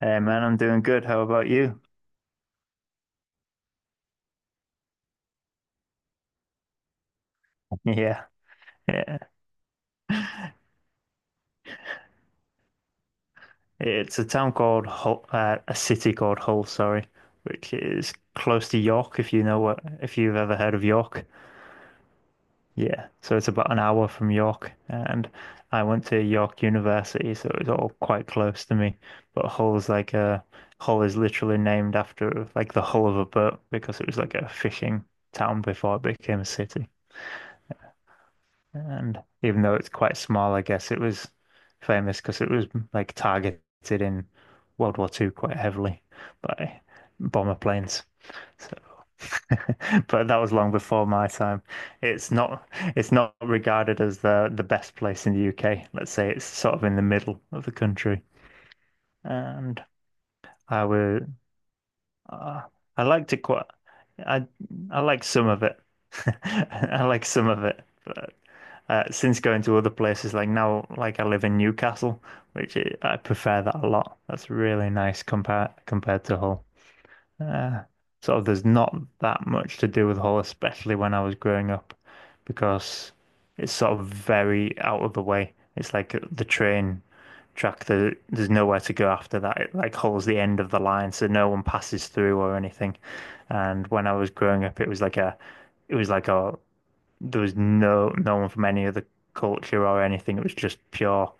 Hey man, I'm doing good. How about you? Yeah, yeah. It's a town called Hull, a city called Hull, sorry, which is close to York, if you've ever heard of York. Yeah, so it's about an hour from York, and I went to York University, so it's all quite close to me. But Hull's like a Hull is literally named after like the hull of a boat because it was like a fishing town before it became a city. And even though it's quite small, I guess it was famous because it was like targeted in World War Two quite heavily by bomber planes. So, but that was long before my time. It's not it's not regarded as the best place in the UK. Let's say it's sort of in the middle of the country. And I would uh, I liked it quite I I like some of it. I like some of it, but since going to other places, like now, like I live in Newcastle, which I prefer that a lot. That's really nice compared to Hull. Uh, sort of, there's not that much to do with Hull, especially when I was growing up, because it's sort of very out of the way. It's like the train track. There's nowhere to go after that. It like holds the end of the line, so no one passes through or anything. And when I was growing up, it was like a there was no one from any other culture or anything. It was just pure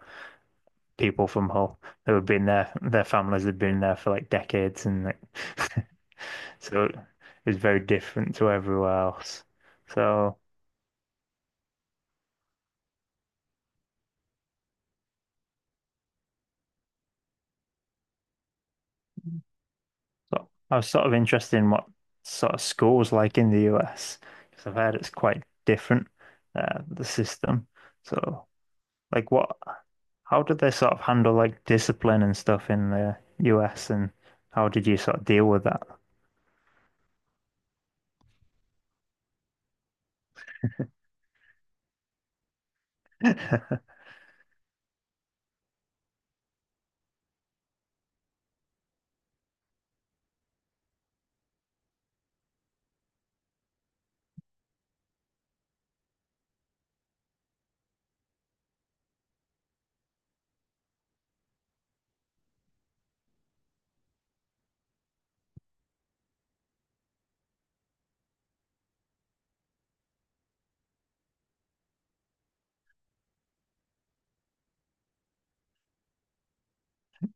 people from Hull who had been there. Their families had been there for like decades, and like, so it was very different to everywhere else. So, so I was sort of interested in what sort of schools like in the US, because I've heard it's quite different, the system. So, like, what? How did they sort of handle like discipline and stuff in the US, and how did you sort of deal with that?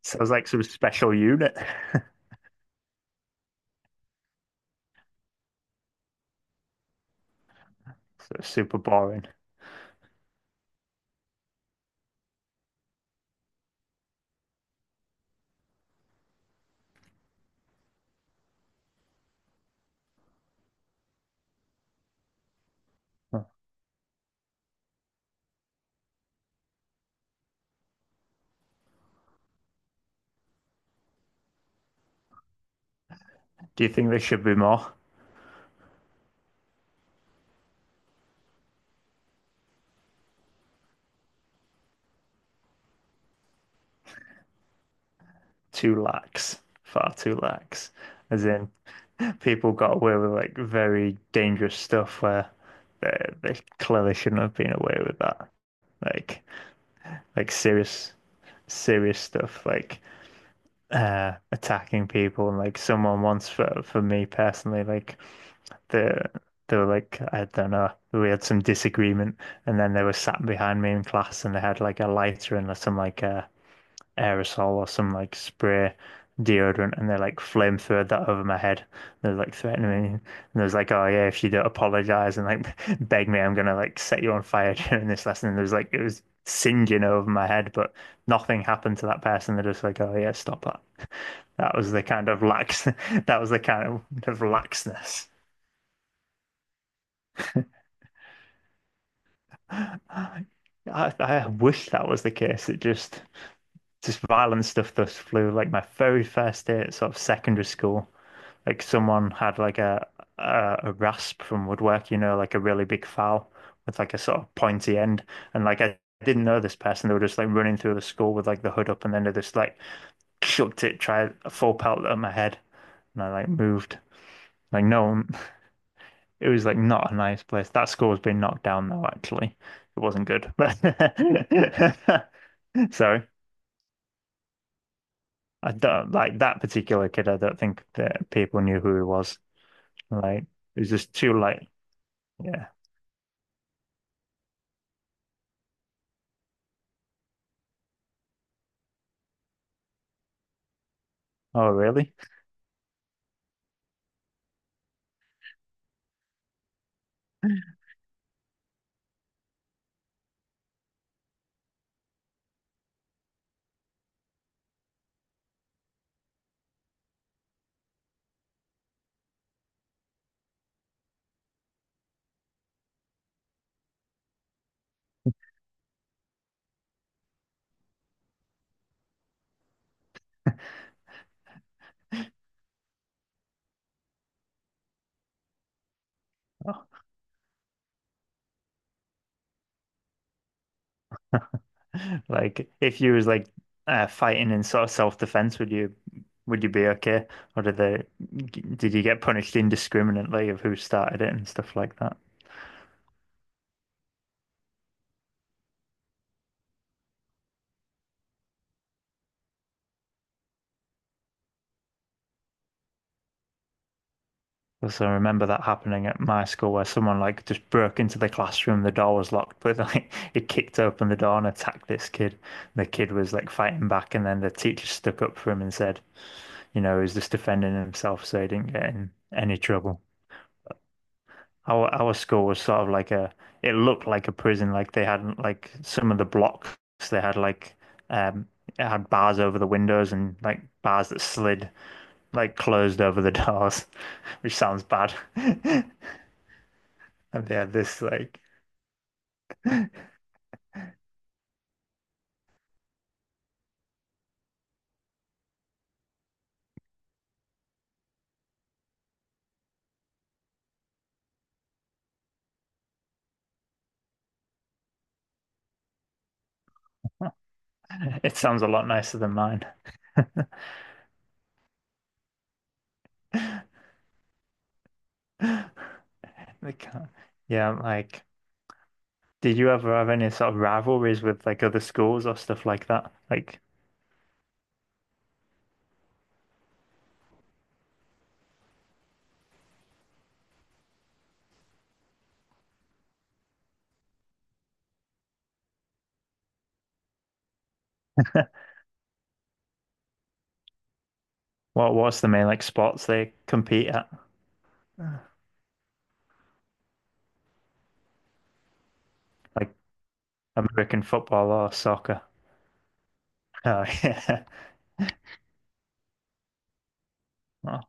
Sounds like some special unit. So it's super boring. Do you think there should be more? Too lax. Far too lax. As in, people got away with like very dangerous stuff where they, they clearly shouldn't have been away with that. Like like serious stuff like attacking people and like someone once for me personally like they they were like I don't know we had some disagreement and then they were sat behind me in class and they had like a lighter and some like aerosol or some like spray deodorant and they like flamethrowed that over my head they were like threatening me and they was like oh yeah if you don't apologize and like beg me I'm gonna like set you on fire during this lesson and there was like it was singeing over my head but nothing happened to that person they're just like oh yeah stop that. That was the kind of lax that was the kind of laxness. I, I wish that was the case. It just violent stuff thus flew. Like my very first day at sort of secondary school, like someone had like a rasp from woodwork, you know, like a really big file with like a sort of pointy end. And like I didn't know this person. They were just like running through the school with like the hood up, and then they just like chucked it, tried a full pelt at my head, and I like moved. Like no, it was like not a nice place. That score was being knocked down though, actually. It wasn't good. But so I don't like that particular kid. I don't think that people knew who he was. Like it was just too like, yeah. Oh, really? Oh. Like if you was like fighting in sort of self-defense, would you be okay? Or did they did you get punished indiscriminately of who started it and stuff like that? Because I remember that happening at my school where someone like just broke into the classroom, the door was locked, but like it kicked open the door and attacked this kid. The kid was like fighting back, and then the teacher stuck up for him and said, you know, he was just defending himself so he didn't get in any trouble. Our school was sort of like a, it looked like a prison. Like they had like some of the blocks, they had like um it had bars over the windows and like bars that slid like closed over the doors, which sounds bad. Have they had this like it sounds a lot nicer than mine. They can't. Yeah, like did you ever have any sort of rivalries with like other schools or stuff like that? Like what what's the main like sports they compete at? Like American football or soccer? Oh yeah. Oh,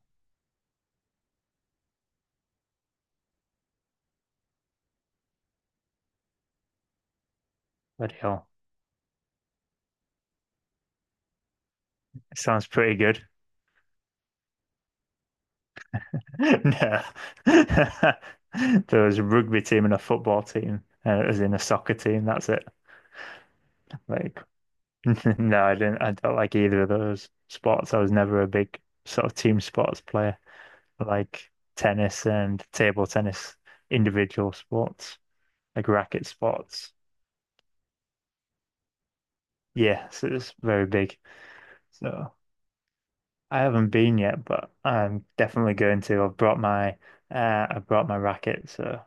bloody hell. It sounds pretty good. No. There was a rugby team and a football team, and it was in a soccer team, that's it. Like no, I didn't. I don't like either of those sports. I was never a big sort of team sports player, like tennis and table tennis, individual sports, like racket sports. Yeah, so it's very big. So I haven't been yet, but I'm definitely going to. I've brought my I brought my racket, so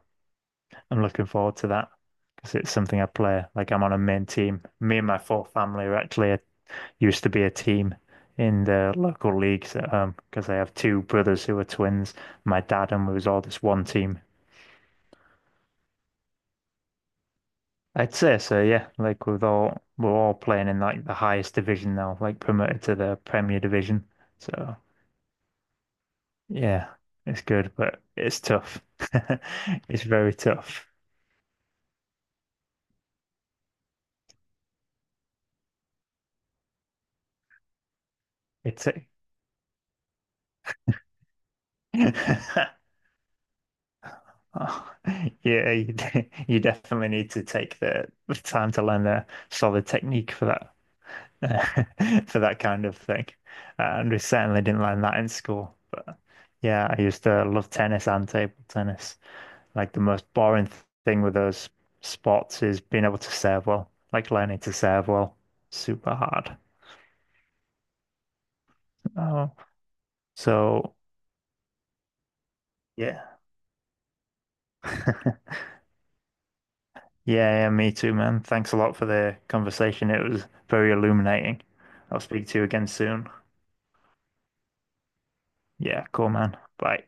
I'm looking forward to that because it's something I play. Like I'm on a main team. Me and my full family are actually a used to be a team in the local leagues because I have two brothers who are twins. My dad and we was all this one team. I'd say so, yeah. Like we're all playing in like the highest division now, like promoted to the Premier Division. So yeah, it's good, but it's tough. It's very tough. It's a... Oh, yeah, you definitely need to take the time to learn a solid technique for that. For that kind of thing. And we certainly didn't learn that in school. But yeah, I used to love tennis and table tennis. Like the most boring thing with those sports is being able to serve well, like learning to serve well. Super hard. Oh, so yeah. Yeah, yeah, me too, man. Thanks a lot for the conversation. It was very illuminating. I'll speak to you again soon. Yeah, cool, man. Bye.